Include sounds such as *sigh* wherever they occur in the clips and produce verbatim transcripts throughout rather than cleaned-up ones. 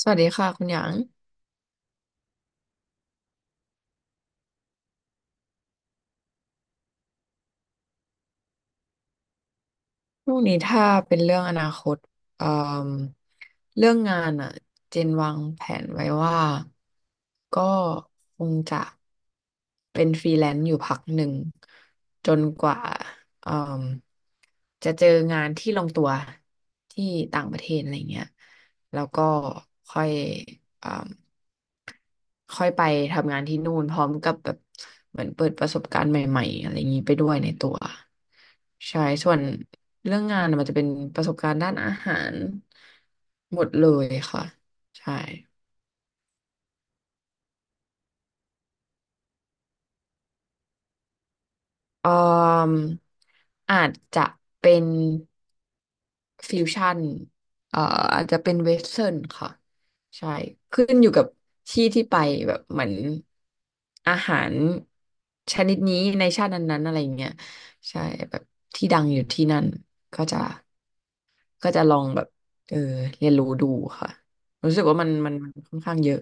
สวัสดีค่ะคุณหยางช่วงนี้ถ้าเป็นเรื่องอนาคตเอ่อเรื่องงานอ่ะเจนวางแผนไว้ว่าก็คงจะเป็นฟรีแลนซ์อยู่พักหนึ่งจนกว่าเอ่มจะเจองานที่ลงตัวที่ต่างประเทศอะไรเงี้ยแล้วก็ค่อย ค่อยไปทำงานที่นู่นพร้อมกับแบบเหมือนเปิดประสบการณ์ใหม่ๆอะไรอย่างนี้ไปด้วยในตัวใช่ส่วนเรื่องงานน่ะมันจะเป็นประสบการณ์ด้านอาหารหมดเลยค่ะใช่ ออมอาจจะเป็นฟิวชั่นเอ่ออาจจะเป็นเวสเทิร์นค่ะใช่ขึ้นอยู่กับที่ที่ไปแบบเหมือนอาหารชนิดนี้ในชาตินั้นๆอะไรเงี้ยใช่แบบที่ดังอยู่ที่นั่นก็จะก็จะลองแบบเออเรียนรู้ดูค่ะรู้สึกว่ามันมันมันค่อนข้างเยอะ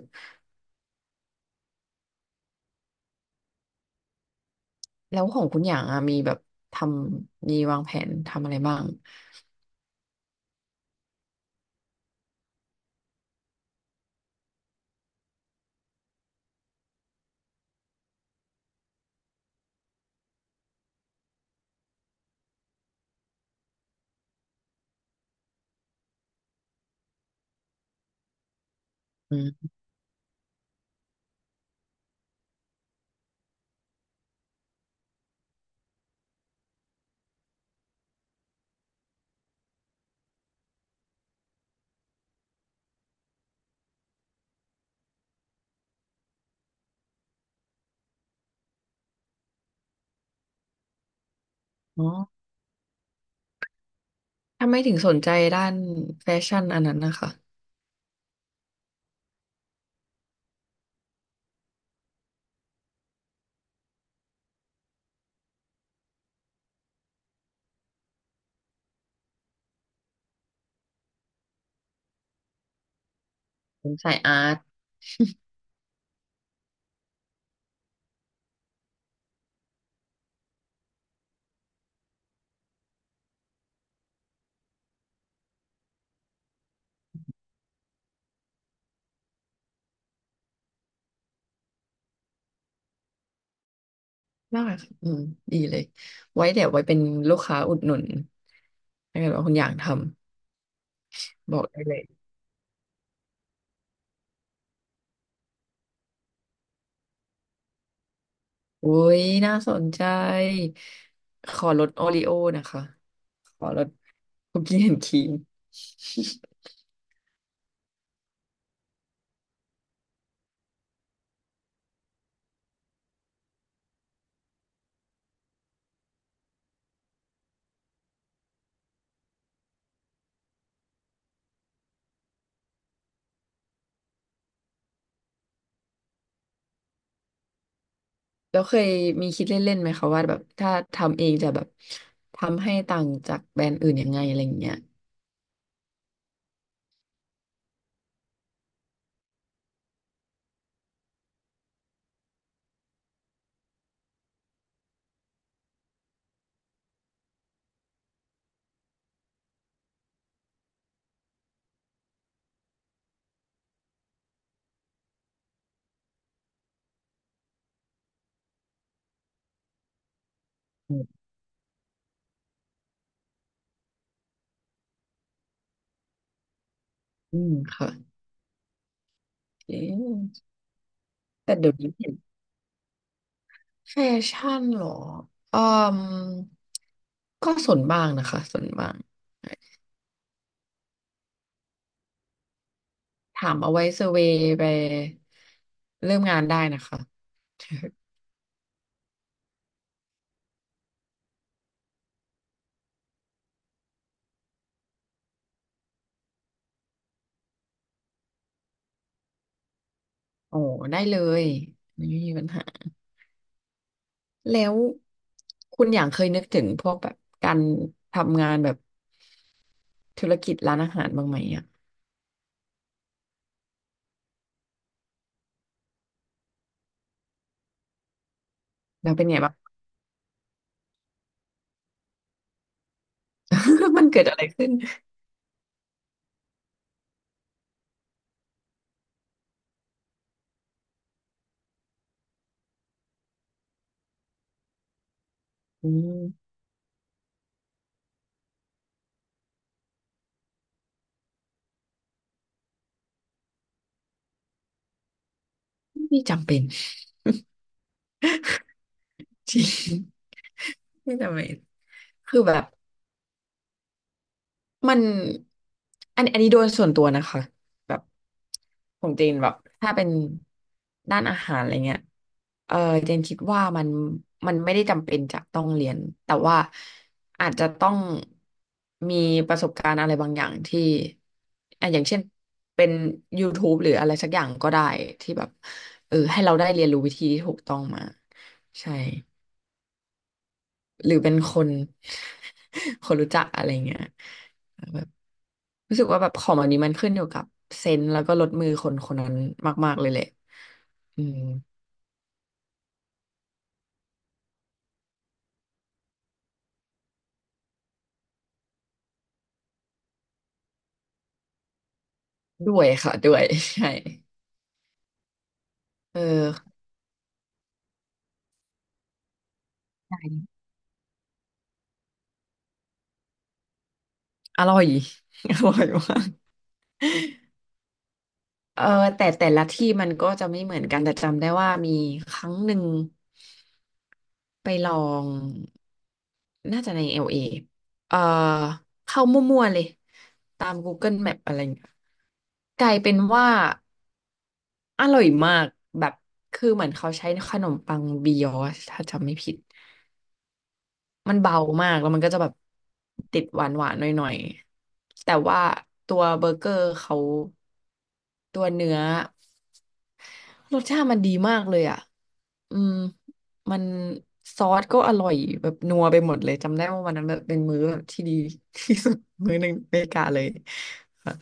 แล้วของคุณอย่างอะมีแบบทำมีวางแผนทำอะไรบ้างอืม ทำไมถึงสนใจด้านแฟชั่นอันนั้นนะคะผมสายอาร์ตมากค่ะอืมดีเลยไว้เดี๋ยวไว้เป็นลูกค้าอุดหนุนถ้าเกิดว่าคุณอยากทำบอกได้เลยอุ้ยน่าสนใจขอลดโอริโอนะคะขอลดคุกกี้แอนด์ครีม *laughs* แล้วเคยมีคิดเล่นๆไหมคะว่าแบบถ้าทำเองจะแบบทำให้ต่างจากแบรนด์อื่นยังไงอะไรอย่างเงี้ยอืมอืมค่ะเอ๊ะแต่เดี๋ยวนี้เห็น แฟชั่นเหรอเอืมก็ส่วนบ้างนะคะส่วนบ้างถามเอาไว้เซอร์เวย์ไปเริ่มงานได้นะคะ *laughs* โอ้ได้เลยไม่มีปัญหาแล้วคุณอย่างเคยนึกถึงพวกแบบการทำงานแบบธุรกิจร้านอาหารบ้างไหมอ่ะแล้วเป็นไงบ้าง *laughs* มันเกิดอะไรขึ้นอืมไม่จำเป็น *laughs* จริงไม่จำเป็นคือแบบ มันอันอันนี้โดยส่วนตัวนะคะแบบของเจนแบบถ้าเป็นด้านอาหารอะไรเงี้ยเออเจนคิดว่ามันมันไม่ได้จำเป็นจะต้องเรียนแต่ว่าอาจจะต้องมีประสบการณ์อะไรบางอย่างที่อ่ะอย่างเช่นเป็น YouTube หรืออะไรสักอย่างก็ได้ที่แบบเออให้เราได้เรียนรู้วิธีที่ถูกต้องมาใช่หรือเป็นคน *laughs* คนรู้จักอะไรเงี้ย รู้สึกว่าแบบของแบบนี้มันขึ้นอยู่กับเซนส์แล้วก็ลดมือคนคนนั้นมากๆเลยแหละอืมด้วยค่ะด้วย *laughs* ใช่เอออร่อย *laughs* อร่อยมากเออแต่แต่ละที่มันก็จะไม่เหมือนกันแต่จำได้ว่ามีครั้งหนึ่งไปลองน่าจะในเอลเอเออเข้ามั่วๆเลยตาม กูเกิลแมป อะไรอย่างเงี้ยกลายเป็นว่า อร่อยมากแบบคือเหมือนเขาใช้ขนมปังบียอชถ้าจำไม่ผิดมันเบามากแล้วมันก็จะแบบติดหวานหวานหน่อยๆแต่ว่าตัวเบอร์เกอร์เขาตัวเนื้อรสชาติมันดีมากเลยอ่ะอืมมันซอสก็อร่อยแบบนัวไปหมดเลยจำได้ว่าวันนั้นแบบเป็นมื้อแบบที่ดี *laughs* ที่สุดมื้อหนึ่งในอเมริกาเลยค่ะ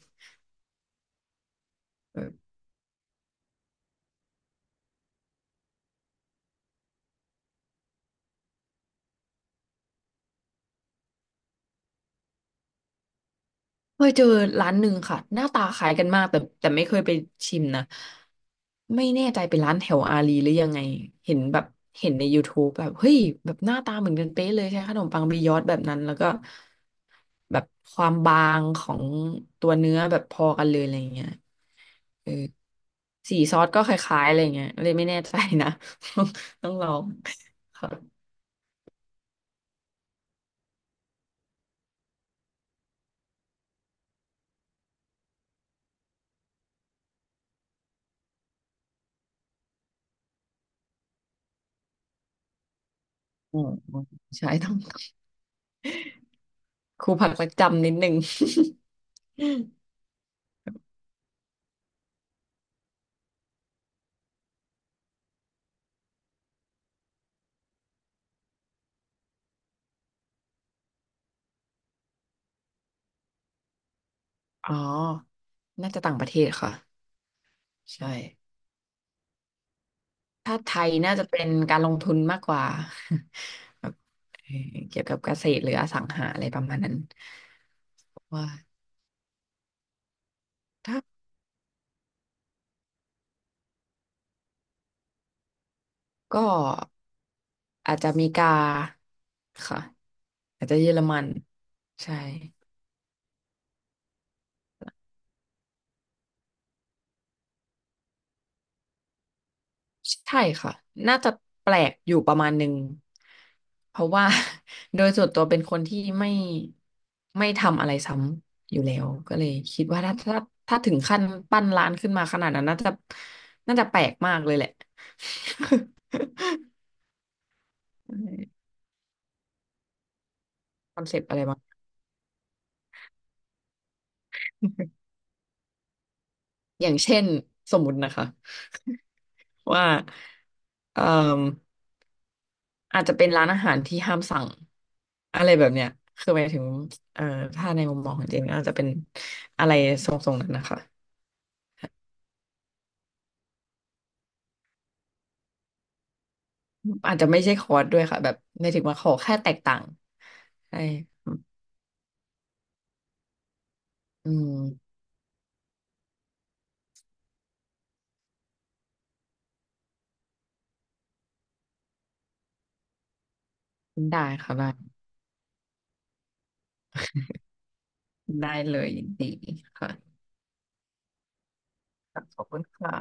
เคยเจอร้านหนึ่งค่ะหน้าตาคล้ายกันมากแต่แต่ไม่เคยไปชิมนะไม่แน่ใจเป็นร้านแถวอารีหรือยังไงเห็นแบบเห็นใน YouTube แบบเฮ้ยแบบหน้าตาเหมือนกันเป๊ะเลยใช้ขนมปังบียอดแบบนั้นแล้วก็แบบความบางของตัวเนื้อแบบพอกันเลยอะไรอย่างเงี้ยเออสีซอสก็คล้ายๆอะไรอย่างเงี้ยเลยไม่แน่ใจนะ *laughs* ต้องต้องลองค่ะอืมใช่ต้องครูผักรักจำนิดนึง อ๋อ น่าจะต่างประเทศค่ะใช่ ถ้าไทยน่าจะเป็นการลงทุนมากกว่า *laughs* แบบเอ่อเกี่ยวกับเกษตรหรืออสังหาอะไรประมาณนั้นว่าถ้าก็อาจจะอเมริกาค่ะอาจจะเยอรมันใช่ ใช่ค่ะ น่าจะแปลกอยู่ประมาณหนึ่ง เพราะว่า *laughs* โดยส่วนตัวเป็นคนที่ไม่ไม่ทำอะไรซ้ำอยู่แล้ว ก็เลยคิดว่าถ้าถ้าถ้าถึงขั้นปั้นร้านขึ้นมาขนาดนั้นน่าจะน่าจะแปลกมากเลยแหละ *laughs* คอนเซปต์อะไรบ้าง *laughs* อย่างเช่นสมมุตินะคะว่าเอ่อ อาจจะเป็นร้านอาหารที่ห้ามสั่งอะไรแบบเนี้ยคือหมายถึงเอ่อถ้าในมุมมองของเจนก็อาจจะเป็นอะไรทรงๆนั้นนะคะ อาจจะไม่ใช่คอร์สด้วยค่ะแบบไม่ถึงว่าขอแค่แตกต่างใช่อืมได้ค่ะได้ได้เลยยินดีค่ะขอบคุณค่ะ